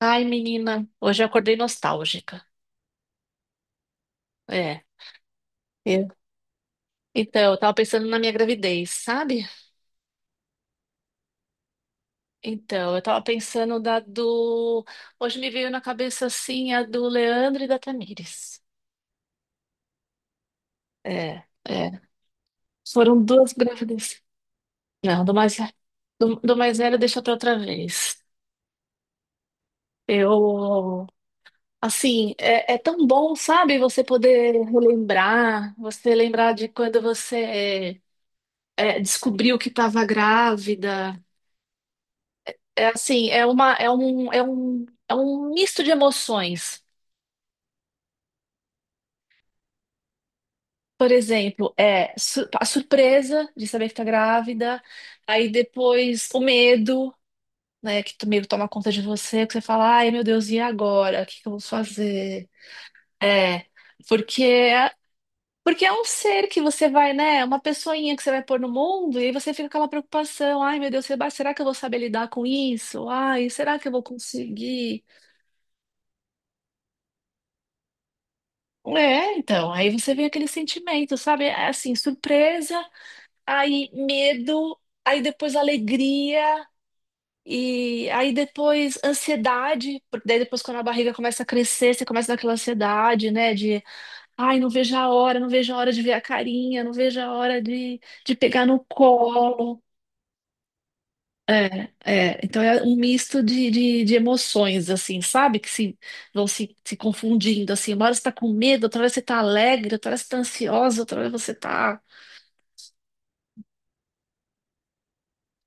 Ai, menina, hoje eu acordei nostálgica. É. Eu- Então, eu tava pensando na minha gravidez, sabe? Então, eu tava pensando da do. Hoje me veio na cabeça assim a do Leandro e da Tamires. É, é. Foram duas gravidezes. Não, do mais, do mais velho deixa pra outra vez. Eu. Assim, é tão bom, sabe? Você poder relembrar, você lembrar de quando você descobriu que estava grávida. É assim, é uma, é um, é um, é um misto de emoções. Por exemplo, é a surpresa de saber que tá grávida, aí depois o medo, né, que o medo toma conta de você, que você fala, ai meu Deus, e agora? O que que eu vou fazer? É, porque é, porque é um ser que você vai, né, é uma pessoinha que você vai pôr no mundo, e aí você fica com aquela preocupação, ai meu Deus, será que eu vou saber lidar com isso? Ai, será que eu vou conseguir? É, então, aí você vem aquele sentimento, sabe? É. Assim, surpresa, aí medo, aí depois alegria, e aí depois ansiedade, porque daí depois quando a barriga começa a crescer, você começa naquela ansiedade, né? De, ai, não vejo a hora, não vejo a hora de ver a carinha, não vejo a hora de pegar no colo. É, é, então é um misto de emoções, assim, sabe? Que se, vão se, se confundindo, assim. Uma hora você tá com medo, outra hora você tá alegre, outra hora você tá ansiosa, outra hora você tá...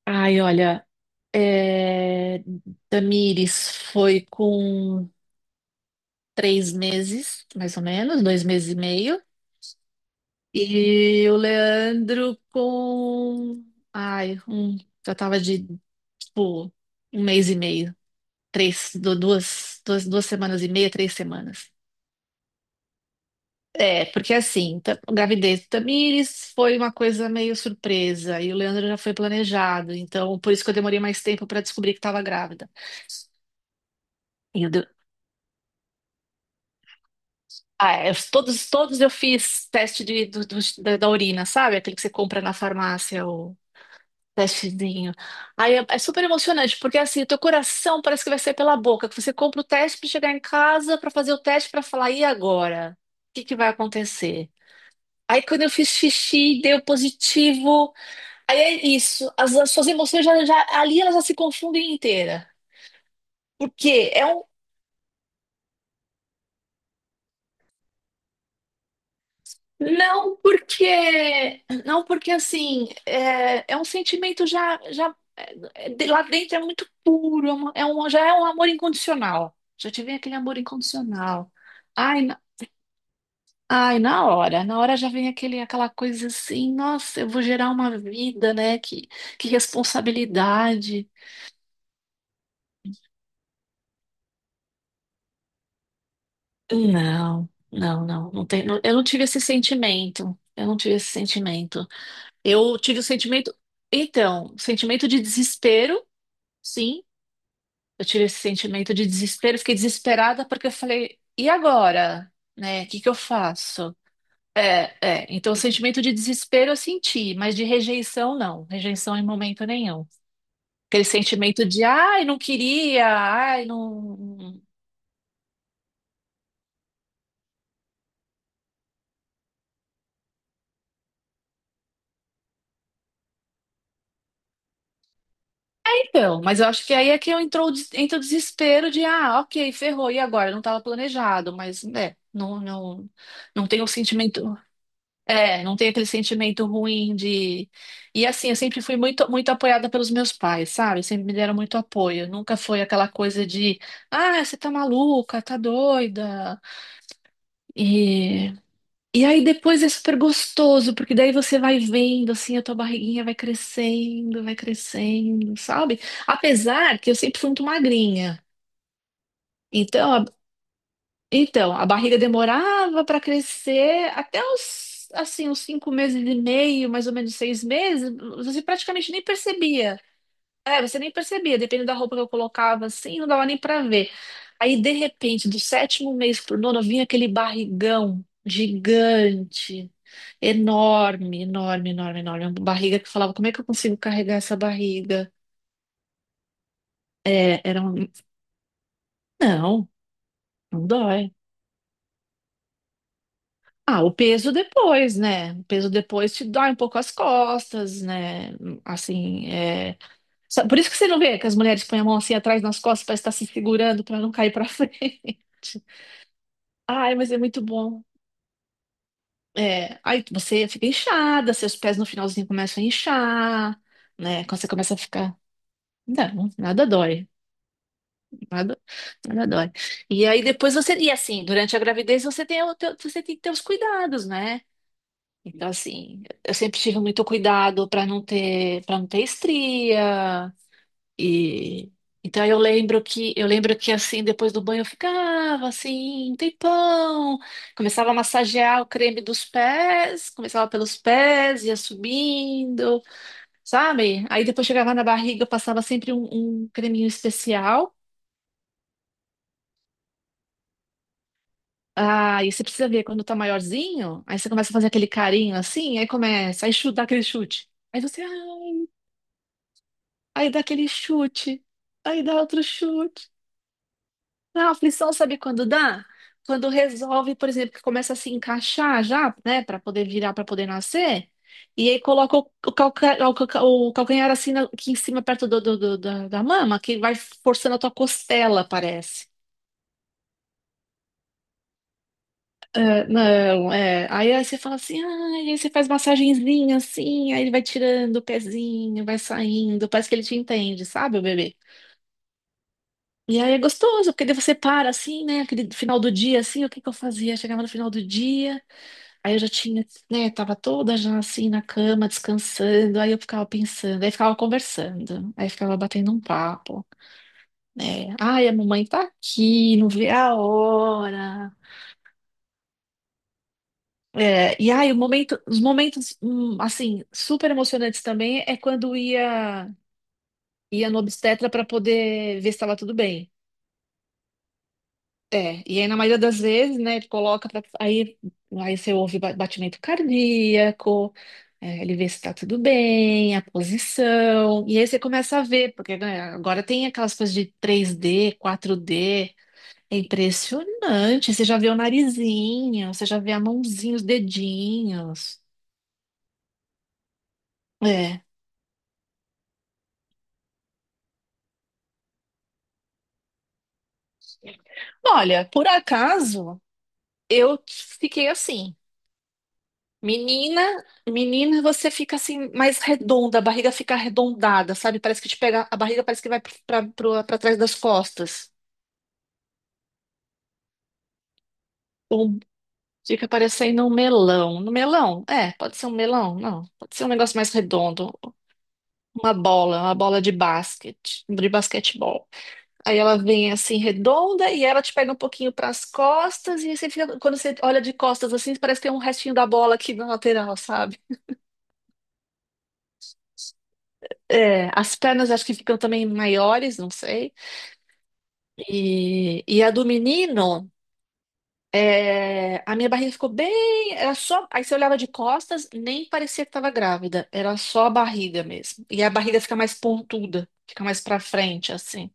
Ai, olha, é... Tamires foi com 3 meses, mais ou menos, 2 meses e meio. E o Leandro com... Ai, um... Já tava tipo, 1 mês e meio. Três, du- duas, duas, duas semanas e meia, 3 semanas. É, porque assim, a gravidez do Tamires foi uma coisa meio surpresa, e o Leandro já foi planejado, então por isso que eu demorei mais tempo para descobrir que estava grávida. E eu de- ah, é, os- todos, todos eu fiz teste de, do- do- da, da urina, sabe? Aquele que você compra na farmácia, o testezinho. Aí é super emocionante, porque assim, o teu coração parece que vai sair pela boca, que você compra o teste para chegar em casa, para fazer o teste, para falar, e agora? O que que vai acontecer? Aí quando eu fiz xixi, deu positivo. Aí é isso, as suas emoções já, ali elas já se confundem inteira. Por quê? Não porque, não porque assim, é um sentimento já lá dentro é muito puro, já é um amor incondicional. Já te vem aquele amor incondicional. Ai, na, na hora já vem aquela coisa assim, nossa, eu vou gerar uma vida, né? Que responsabilidade. Não, não, não, não tem, eu não tive esse sentimento. Eu não tive esse sentimento. Eu tive o sentimento, então, sentimento de desespero, sim. Eu tive esse sentimento de desespero, fiquei desesperada porque eu falei, e agora? Né? O que que eu faço? É, é. Então, o sentimento de desespero eu senti, mas de rejeição não, rejeição em momento nenhum. Aquele sentimento de, ai, não queria, ai, não. Então, mas eu acho que aí é que eu entrou, entra o desespero de, ah, ok, ferrou, e agora? Não estava planejado, mas, não, não, não tem o sentimento, não tem aquele sentimento ruim de... E assim, eu sempre fui muito, muito apoiada pelos meus pais, sabe? Sempre me deram muito apoio, nunca foi aquela coisa de, ah, você tá maluca, tá doida, E e aí depois é super gostoso, porque daí você vai vendo, assim, a tua barriguinha vai crescendo, sabe? Apesar que eu sempre fui muito magrinha. Então, a, então, a barriga demorava para crescer até os, assim, uns 5 meses e meio, mais ou menos 6 meses, você praticamente nem percebia. É, você nem percebia, dependendo da roupa que eu colocava assim, não dava nem pra ver. Aí, de repente, do sétimo mês pro nono, vinha aquele barrigão gigante, enorme, enorme, enorme, enorme. Uma barriga que eu falava, como é que eu consigo carregar essa barriga? É, era um... Não, não dói. Ah, o peso depois, né? O peso depois te dói um pouco as costas, né? Assim, é... Por isso que você não vê que as mulheres põem a mão assim atrás nas costas para estar se segurando, para não cair para frente. Ai, mas é muito bom. É, aí você fica inchada, seus pés no finalzinho começam a inchar, né? Quando você começa a ficar. Não, nada dói. Nada, nada dói. E aí depois você. E assim, durante a gravidez você tem, você tem que ter os cuidados, né? Então, assim, eu sempre tive muito cuidado para não ter estria, E então eu lembro que assim, depois do banho eu ficava assim, um tempão, começava a massagear o creme dos pés, começava pelos pés, ia subindo, sabe? Aí depois chegava na barriga, eu passava sempre um creminho especial. Ah, e você precisa ver quando tá maiorzinho, aí você começa a fazer aquele carinho assim, aí começa, aí chuta, dá aquele chute. Aí você, ah, aí dá aquele chute, aí dá outro chute. A aflição sabe quando dá? Quando resolve, por exemplo, que começa a se encaixar já, né, para poder virar, para poder nascer, e aí coloca o calcanhar assim aqui em cima, perto da mama, que vai forçando a tua costela, parece. É, não, é. Aí, você fala assim, ah, aí você faz massagenzinha assim, aí ele vai tirando o pezinho, vai saindo, parece que ele te entende, sabe, o bebê? E aí é gostoso, porque daí você para assim, né, aquele final do dia, assim, o que que eu fazia? Chegava no final do dia. Aí eu já tinha, né, tava toda já assim na cama, descansando, aí eu ficava pensando, aí ficava conversando, aí ficava batendo um papo, né? Ai, a mamãe tá aqui, não vê a hora. É, e aí o momento, os momentos, assim, super emocionantes também é quando ia, no obstetra para poder ver se estava tudo bem. É, e aí na maioria das vezes, né, ele coloca pra, aí você ouve batimento cardíaco, é, ele vê se tá tudo bem, a posição, e aí você começa a ver, porque né, agora tem aquelas coisas de 3D, 4D, é impressionante, você já vê o narizinho, você já vê a mãozinha, os dedinhos, é. Olha, por acaso, eu fiquei assim. Menina, menina, você fica assim mais redonda, a barriga fica arredondada, sabe? Parece que te pega, a barriga parece que vai para trás das costas. Ou fica parecendo um melão. No melão? É, pode ser um melão, não. Pode ser um negócio mais redondo, uma bola de basquete, de basquetebol. Aí ela vem assim redonda e ela te pega um pouquinho para as costas e você fica, quando você olha de costas assim, parece que tem um restinho da bola aqui na lateral, sabe? É, as pernas acho que ficam também maiores, não sei. E a do menino, é, a minha barriga ficou bem. Era só. Aí você olhava de costas, nem parecia que estava grávida. Era só a barriga mesmo. E a barriga fica mais pontuda, fica mais pra frente, assim.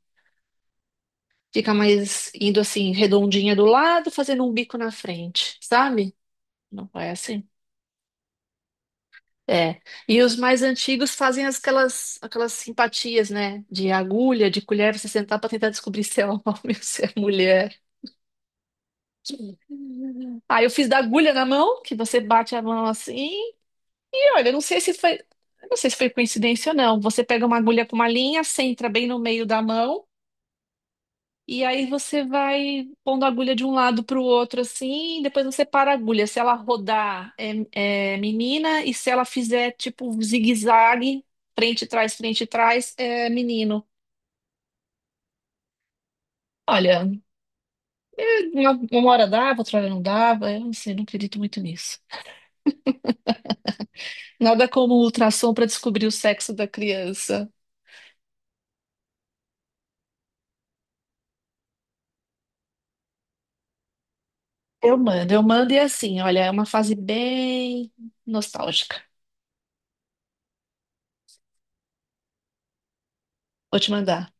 Fica mais indo assim, redondinha do lado, fazendo um bico na frente, sabe? Não é assim? É. E os mais antigos fazem aquelas simpatias, né? De agulha, de colher, você sentar pra tentar descobrir se é homem ou se é mulher. Aí eu fiz da agulha na mão, que você bate a mão assim. E olha, eu não sei se foi coincidência ou não. Você pega uma agulha com uma linha, centra bem no meio da mão, e aí você vai pondo a agulha de um lado para o outro assim, e depois você para a agulha. Se ela rodar é menina, e se ela fizer tipo um zigue-zague, frente e trás, é menino. Olha, uma hora dava, outra hora não dava, eu não sei, não acredito muito nisso. Nada como o ultrassom para descobrir o sexo da criança. Eu mando e é assim, olha, é uma fase bem nostálgica. Vou te mandar.